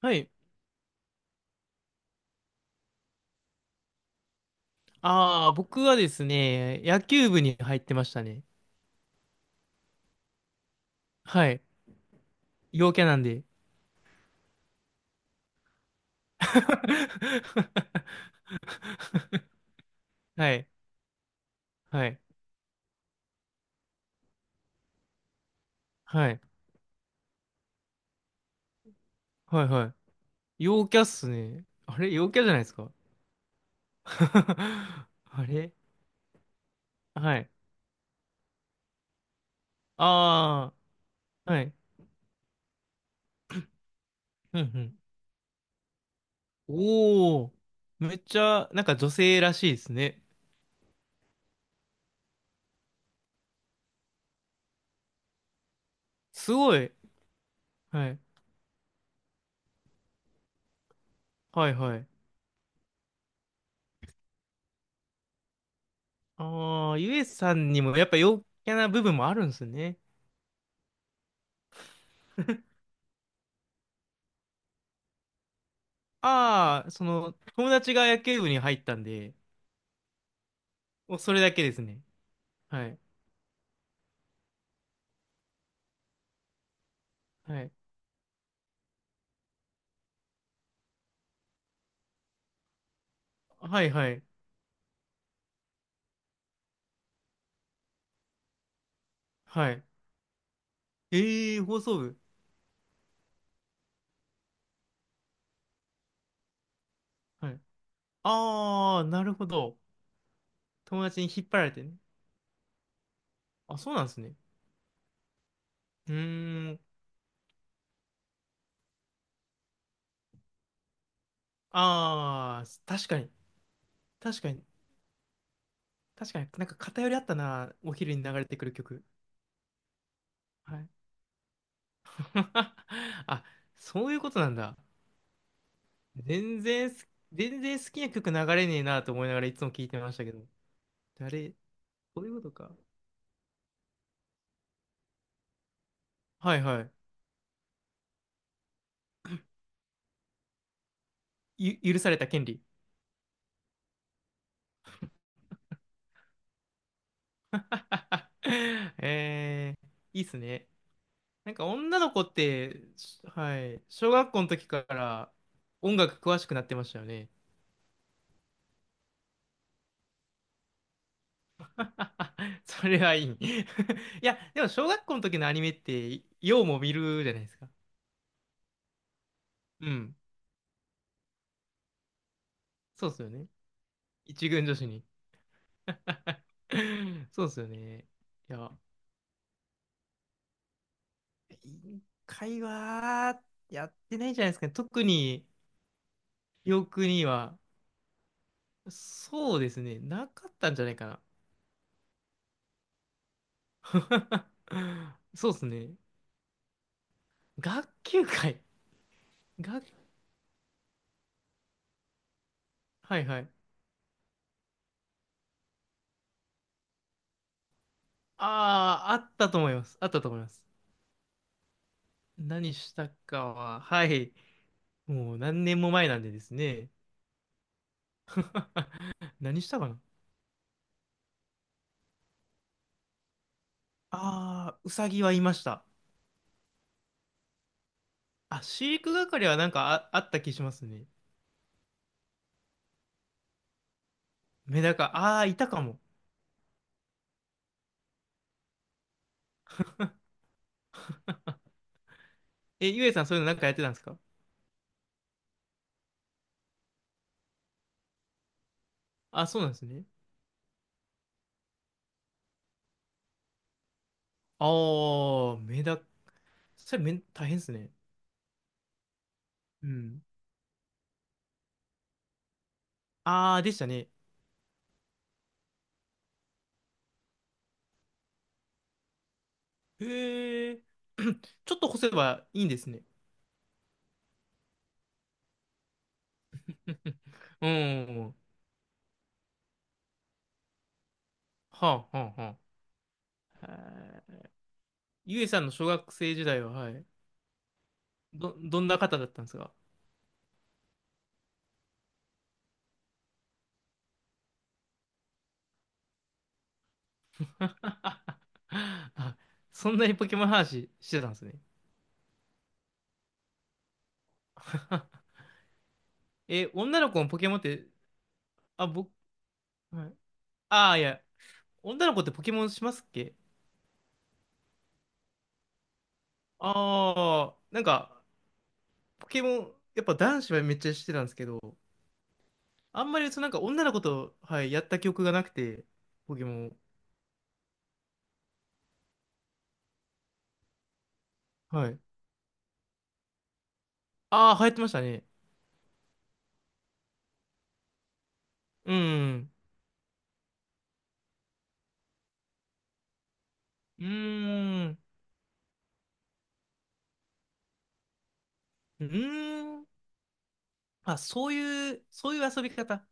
はい。僕はですね、野球部に入ってましたね。はい。陽キャなんで。はい。はい。はい。はい。はい。陽キャっすね。あれ陽キャじゃないですか？ あれはい。あはい。うんうん。おー。めっちゃ、女性らしいですね。すごい。はい。はいはい。ああ、ゆえさんにもやっぱ陽キャな部分もあるんですね。その、友達が野球部に入ったんで、もうそれだけですね。はい。はい。はい、はい。はい。ええー放送部。はい。ああ、なるほど。友達に引っ張られてね。あ、そうなんですね。うーん。ああ、確かに。確かに。確かに。なんか偏りあったな。お昼に流れてくる曲。はい。あ、そういうことなんだ。全然好きな曲流れねえなと思いながらいつも聞いてましたけど。誰、そういうことか。はいはい。許された権利。えー、いいっすね。なんか女の子って、はい、小学校の時から音楽詳しくなってましたよね。それはいい。いや、でも小学校の時のアニメって、ようも見るじゃないですか。うん。そうっすよね。一軍女子に。そうっすよね。いや、委員会はやってないんじゃないですかね。特に記憶には、そうですね。なかったんじゃないかな。そうですね。学級会。学、はいはい。ああ、あったと思います。あったと思います。何したかは、はい。もう何年も前なんでですね。何したかな。ああうさぎはいました。あ、飼育係はなんかあった気しますね。メダカ、ああ、いたかも。え、ゆえさんそういうのなんかやってたんですか？あ、そうなんですね。ああ、メダ、それめ大変ですね。うん。ああ、でしたね。へえ。ちょっと干せばいいんですね。うん。はあ、はあ、はあ。へえ。ゆえさんの小学生時代は、はい。ど、どんな方だったんですか？ あ、そんなにポケモン話してたんですね。え、女の子もポケモンって、あ、僕、はい、ああ、いや、女の子ってポケモンしますっけ？ああ、なんか、ポケモン、やっぱ男子はめっちゃしてたんですけど、あんまりそのなんか女の子と、はい、やった記憶がなくて、ポケモン。はい。ああ、流行ってましたね。うん。うーん。うーん。あ、そういう遊び方。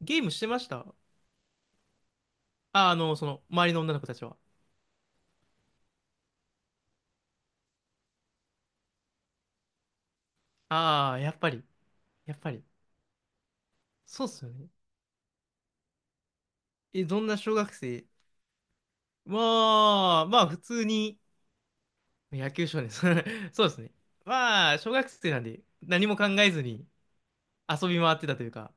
ゲームしてました？あ、あの、その、周りの女の子たちは。ああ、やっぱり、やっぱり。そうっすよね。え、どんな小学生。まあ、普通に、野球少年、そうですね。まあ、小学生なんで、何も考えずに遊び回ってたというか。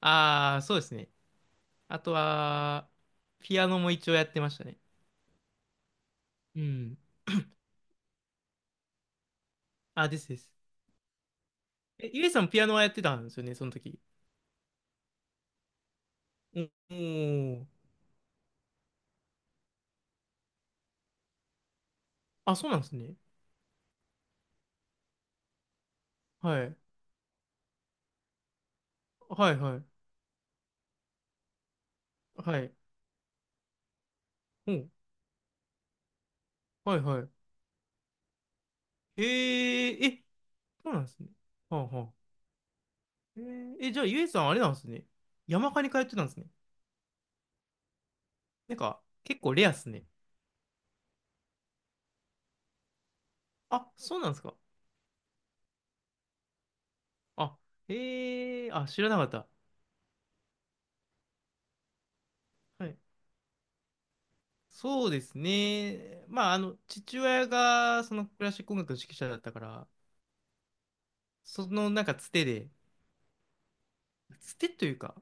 ああ、そうですね。あとは、ピアノも一応やってましたね。うん。あ、ですです。え、ゆえさんピアノはやってたんですよね、その時。おおー。あ、そうなんですね。はい。はいはい。はい。うん。はいはい。えー、え、そうなんですね。はあはあ。じゃあゆえさんあれなんですね。山科に通ってたんですね。なんか、結構レアっすね。あ、そうなんですか。あ、あ、知らなかった。はい。そうですね。まあ、あの、父親がそのクラシック音楽の指揮者だったから、そのなんかつてで、つてというか、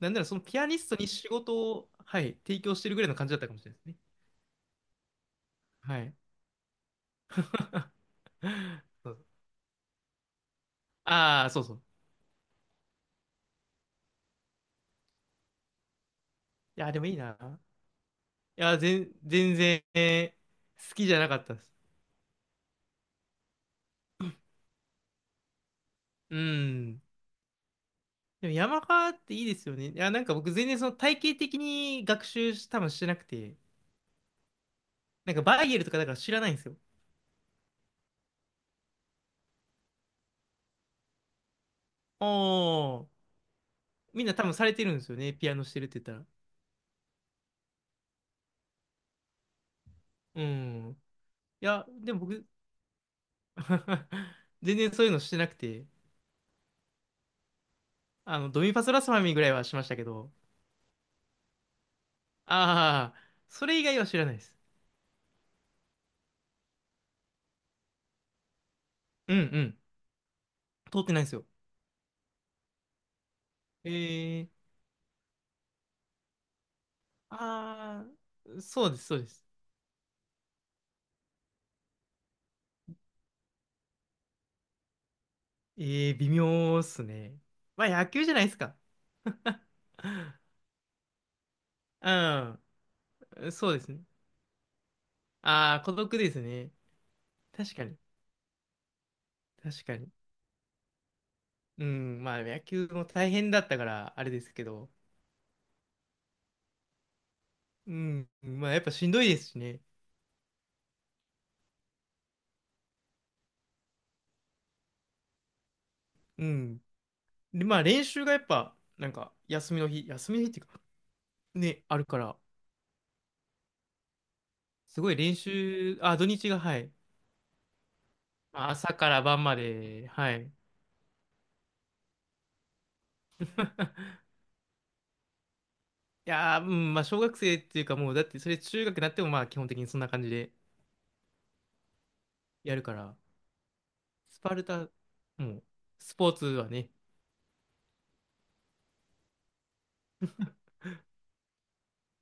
なんならそのピアニストに仕事を、はい、提供してるぐらいの感じだったかもしれないですね。はい。そうそう。ああ、そうそう。いや、でもいいな。いや、全然、えー好きじゃなかったです。うん。でも山科っていいですよね。いや、なんか僕全然その体系的に学習し、多分してなくて、なんかバイエルとかだから知らないんですよ。ああ、みんな多分されてるんですよね。ピアノしてるって言ったら。うん。いや、でも僕 全然そういうのしてなくて。あの、ドミパスラスファミぐらいはしましたけど、ああ、それ以外は知らないです。うんうん。通ってないんですよ。ええ、ああー、そうです、そうです。ええ微妙っすね。まあ、野球じゃないですか。うん、そうですね。ああ、孤独ですね。確かに、確かに。うん、まあ、野球も大変だったから、あれですけど、うん、まあ、やっぱしんどいですしね。うん。で、まあ、練習がやっぱ、なんか、休みの日っていうか、ね、あるから、すごい練習、あ、土日が、はい。まあ朝から晩まで、はい。いやー、うん、まあ、小学生っていうか、もう、だって、それ中学になっても、まあ、基本的にそんな感じでやるから、スパルタ、もう、スポーツはね、